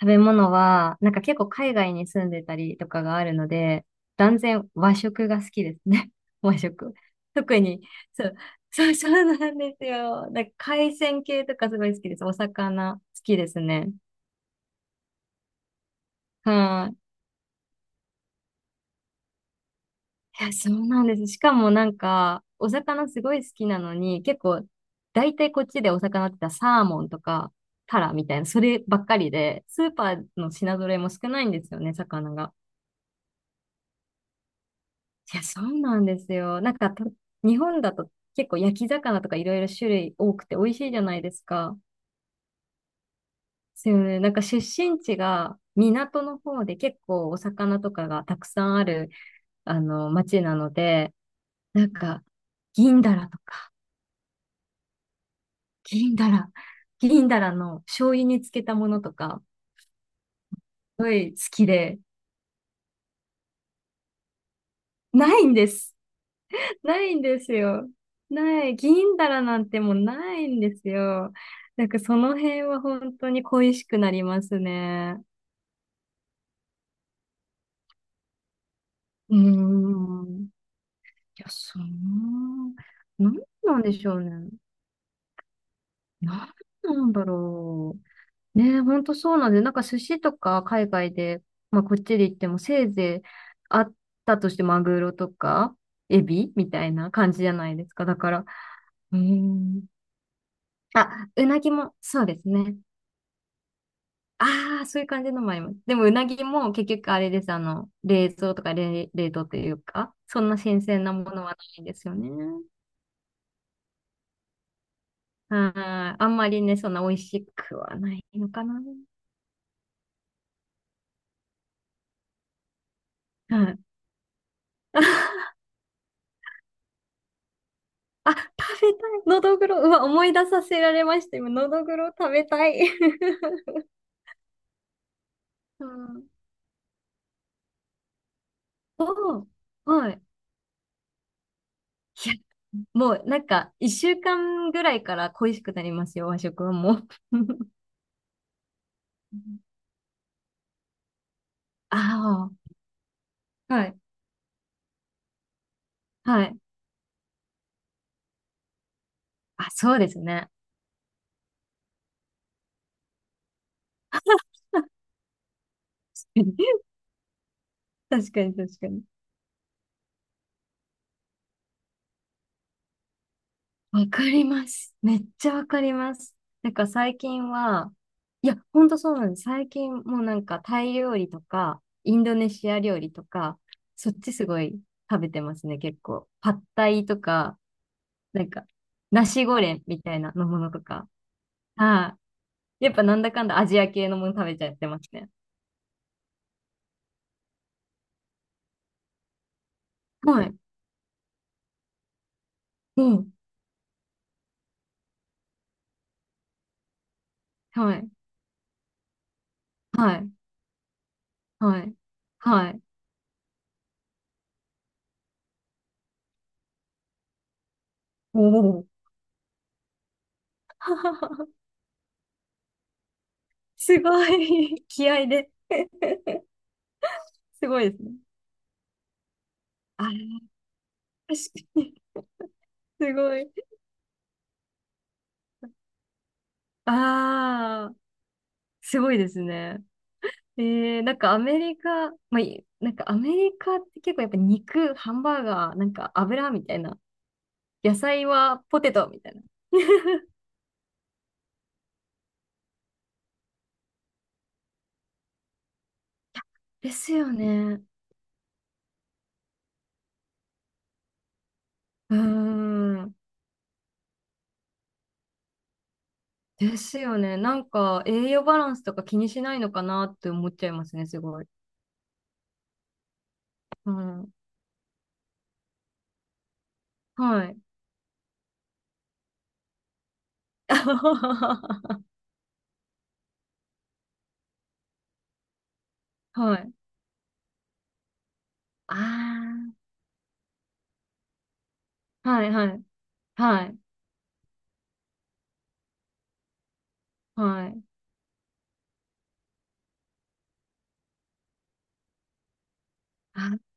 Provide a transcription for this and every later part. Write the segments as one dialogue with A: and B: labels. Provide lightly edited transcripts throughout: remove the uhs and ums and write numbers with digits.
A: 食べ物は、なんか結構海外に住んでたりとかがあるので、断然和食が好きですね。和食。特に、そう、そう、そうなんですよ。なんか海鮮系とかすごい好きです。お魚好きですね。はい。いや、そうなんです。しかもなんか、お魚すごい好きなのに、結構、大体こっちでお魚って言ったらサーモンとか、タラみたいな、そればっかりで、スーパーの品揃えも少ないんですよね、魚が。いや、そうなんですよ。なんかと、日本だと結構焼き魚とかいろいろ種類多くて美味しいじゃないですか。ですよね。なんか出身地が港の方で結構お魚とかがたくさんある、あの、町なので、なんか、銀だらとか、銀だら、銀だらの醤油につけたものとか、すごい好きで、ないんです。ないんですよ。ない。銀だらなんてもうないんですよ。なんかその辺は本当に恋しくなりますね。いや、そう。なんなんでしょうね。なんなんだろう。ね、本当そうなんで、なんか寿司とか海外で、まあこっちで行ってもせいぜいあったとしてマグロとかエビみたいな感じじゃないですか。だから、うーん。あ、うなぎもそうですね。ああ、そういう感じのもあります。でも、うなぎも結局あれです。あの、冷蔵とか冷凍というか、そんな新鮮なものはないんですよね。はい。あんまりね、そんな美味しくはないのかな。はい。あ、食べたい。のどぐろ。うわ、思い出させられました。今、のどぐろ食べたい。うん。おーはい。いや、もうなんか、一週間ぐらいから恋しくなりますよ、和食はもう。ああ、はい。はい。あ、そうですね。確かに、確かに。わかります。めっちゃわかります。なんか最近は、いや、ほんとそうなんです。最近もうなんかタイ料理とか、インドネシア料理とか、そっちすごい食べてますね、結構。パッタイとか、なんか、ナシゴレンみたいなのものとか。はい。やっぱなんだかんだアジア系のもの食べちゃってますね。はい。うん。はい。はい。はい。はい。おお。すごい。気合で。すごいですね。あ、確かに。すごい。ああ、すごいですね。えー、なんかアメリカ、まあ、なんかアメリカって結構やっぱ肉、ハンバーガー、なんか油みたいな。野菜はポテトみたいな。ですよね。うーん。ですよね。なんか栄養バランスとか気にしないのかなって思っちゃいますね、すごい。うん。はい。はい。ああ。はいはい。はい。はい。あ、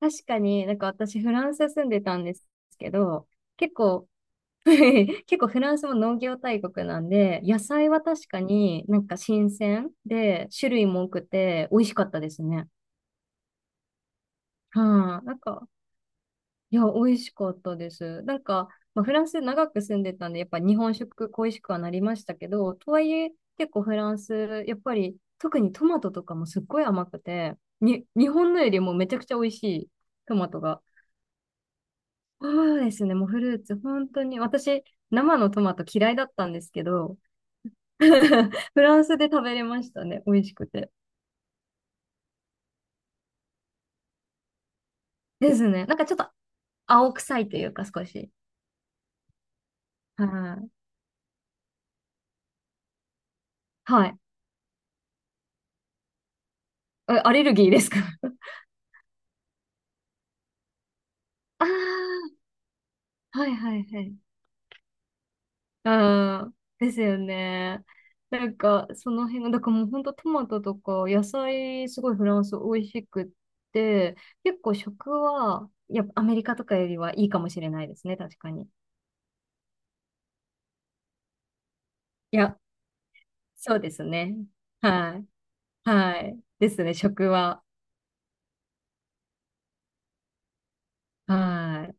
A: 確かになんか私フランス住んでたんですけど、結構 結構フランスも農業大国なんで、野菜は確かになんか新鮮で、種類も多くて美味しかったですね。はい、なんか、いや、美味しかったです。なんか、まあ、フランス長く住んでたんで、やっぱ日本食恋しくはなりましたけど、とはいえ結構フランス、やっぱり特にトマトとかもすっごい甘くて、日本のよりもめちゃくちゃ美味しいトマトがそうですね。もうフルーツ、本当に、私、生のトマト嫌いだったんですけど、フランスで食べれましたね。美味しくて。ですね。なんかちょっと青臭いというか、少し。はい。はい。えアレルギーですか？ ああ、はいはいはい。ああ、ですよね。なんか、その辺が、だからもう本当トマトとか野菜、すごいフランス美味しくって、結構食は、やっぱアメリカとかよりはいいかもしれないですね、確かに。いや、そうですね。はい。はい。ですね、食は。はい。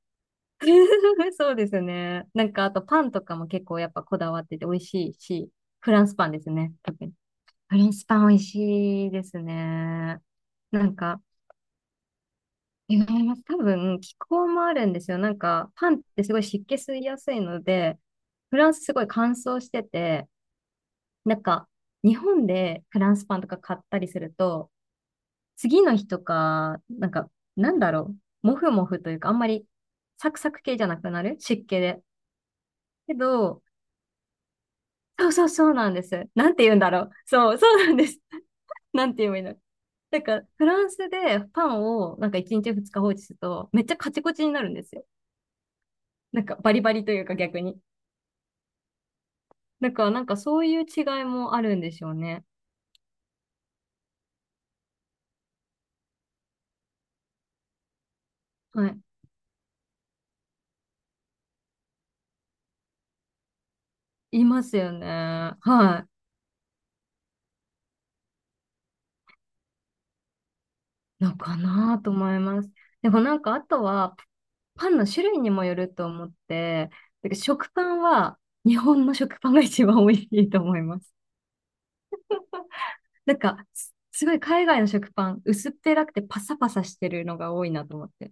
A: そうですね。なんか、あとパンとかも結構やっぱこだわってて美味しいし、フランスパンですね、特に。フランスパン美味しいですね。なんか、違います。多分、気候もあるんですよ。なんか、パンってすごい湿気吸いやすいので、フランスすごい乾燥してて、なんか、日本でフランスパンとか買ったりすると、次の日とか、なんか、なんだろう。もふもふというか、あんまりサクサク系じゃなくなる湿気で。けど、そう、そう、そうなんです。なんて言うんだろう。そう、そうなんです。なんて言えばいいの。なんか、フランスでパンをなんか1日2日放置すると、めっちゃカチコチになるんですよ。なんか、バリバリというか逆に。だから、なんかそういう違いもあるんでしょうね。はい。いますよね。はい。のかなと思います。でもなんかあとはパンの種類にもよると思って、だから食パンは日本の食パンが一番美味しいと思います。なんかすごい海外の食パン薄っぺらくてパサパサしてるのが多いなと思って。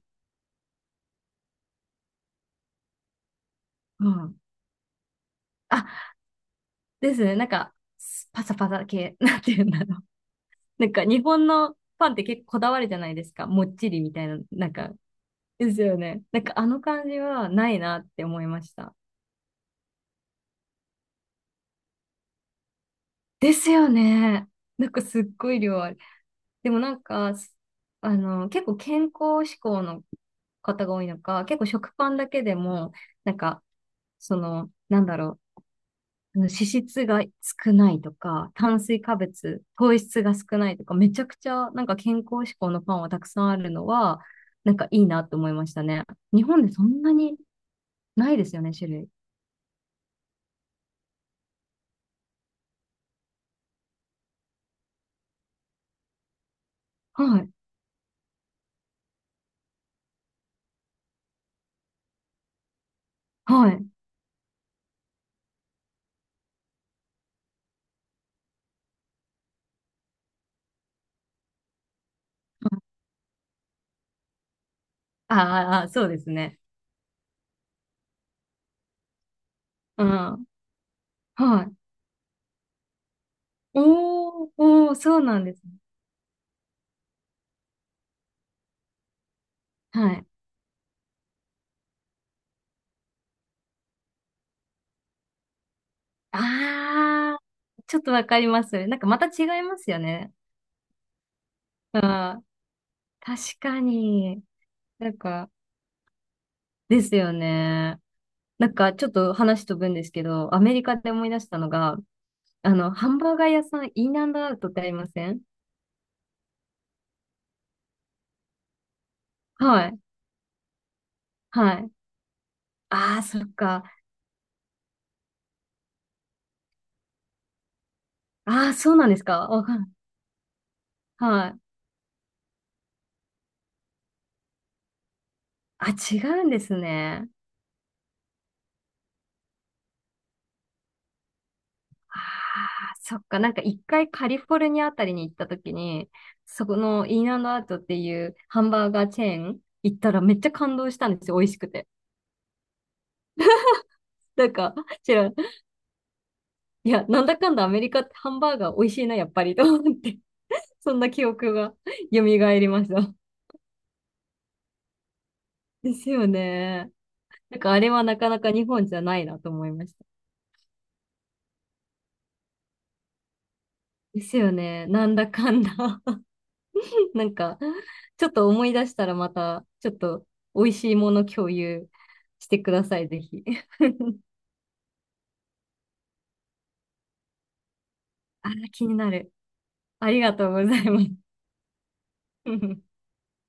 A: うん。あ、ですね。なんかパサパサ系、なんて言うんだろう。なんか日本のパンって結構こだわるじゃないですか。もっちりみたいな、なんか。ですよね。なんかあの感じはないなって思いました。ですよね。なんかすっごい量ある。でもなんか、すあの、結構健康志向の方が多いのか、結構食パンだけでも、なんか、その、なんだろう、脂質が少ないとか、炭水化物、糖質が少ないとか、めちゃくちゃなんか健康志向のパンはたくさんあるのは、なんかいいなと思いましたね。日本でそんなにないですよね、種類。はい。はい。ああ、ああそうですね。うん。はい。おー、おー、そうなんですね。はい。あー、ちょっとわかります。なんかまた違いますよね。うん、確かに。なんか、ですよね。なんかちょっと話飛ぶんですけど、アメリカで思い出したのが、あの、ハンバーガー屋さん、インアンドアウトってありません？はい。はい。あー、そっか。あー、そうなんですか。わかんはい。あ、違うんですね。ああ、そっか。なんか一回カリフォルニアあたりに行った時に、そこのインアンドアウトっていうハンバーガーチェーン行ったらめっちゃ感動したんですよ。美味しくて。なんか、知らん。いや、なんだかんだアメリカってハンバーガー美味しいな、やっぱりと思って。そんな記憶が 蘇りました。ですよね。なんかあれはなかなか日本じゃないなと思いました。ですよね。なんだかんだ なんか、ちょっと思い出したらまた、ちょっと美味しいもの共有してください、ぜひ。あー、気になる。ありがとうございます。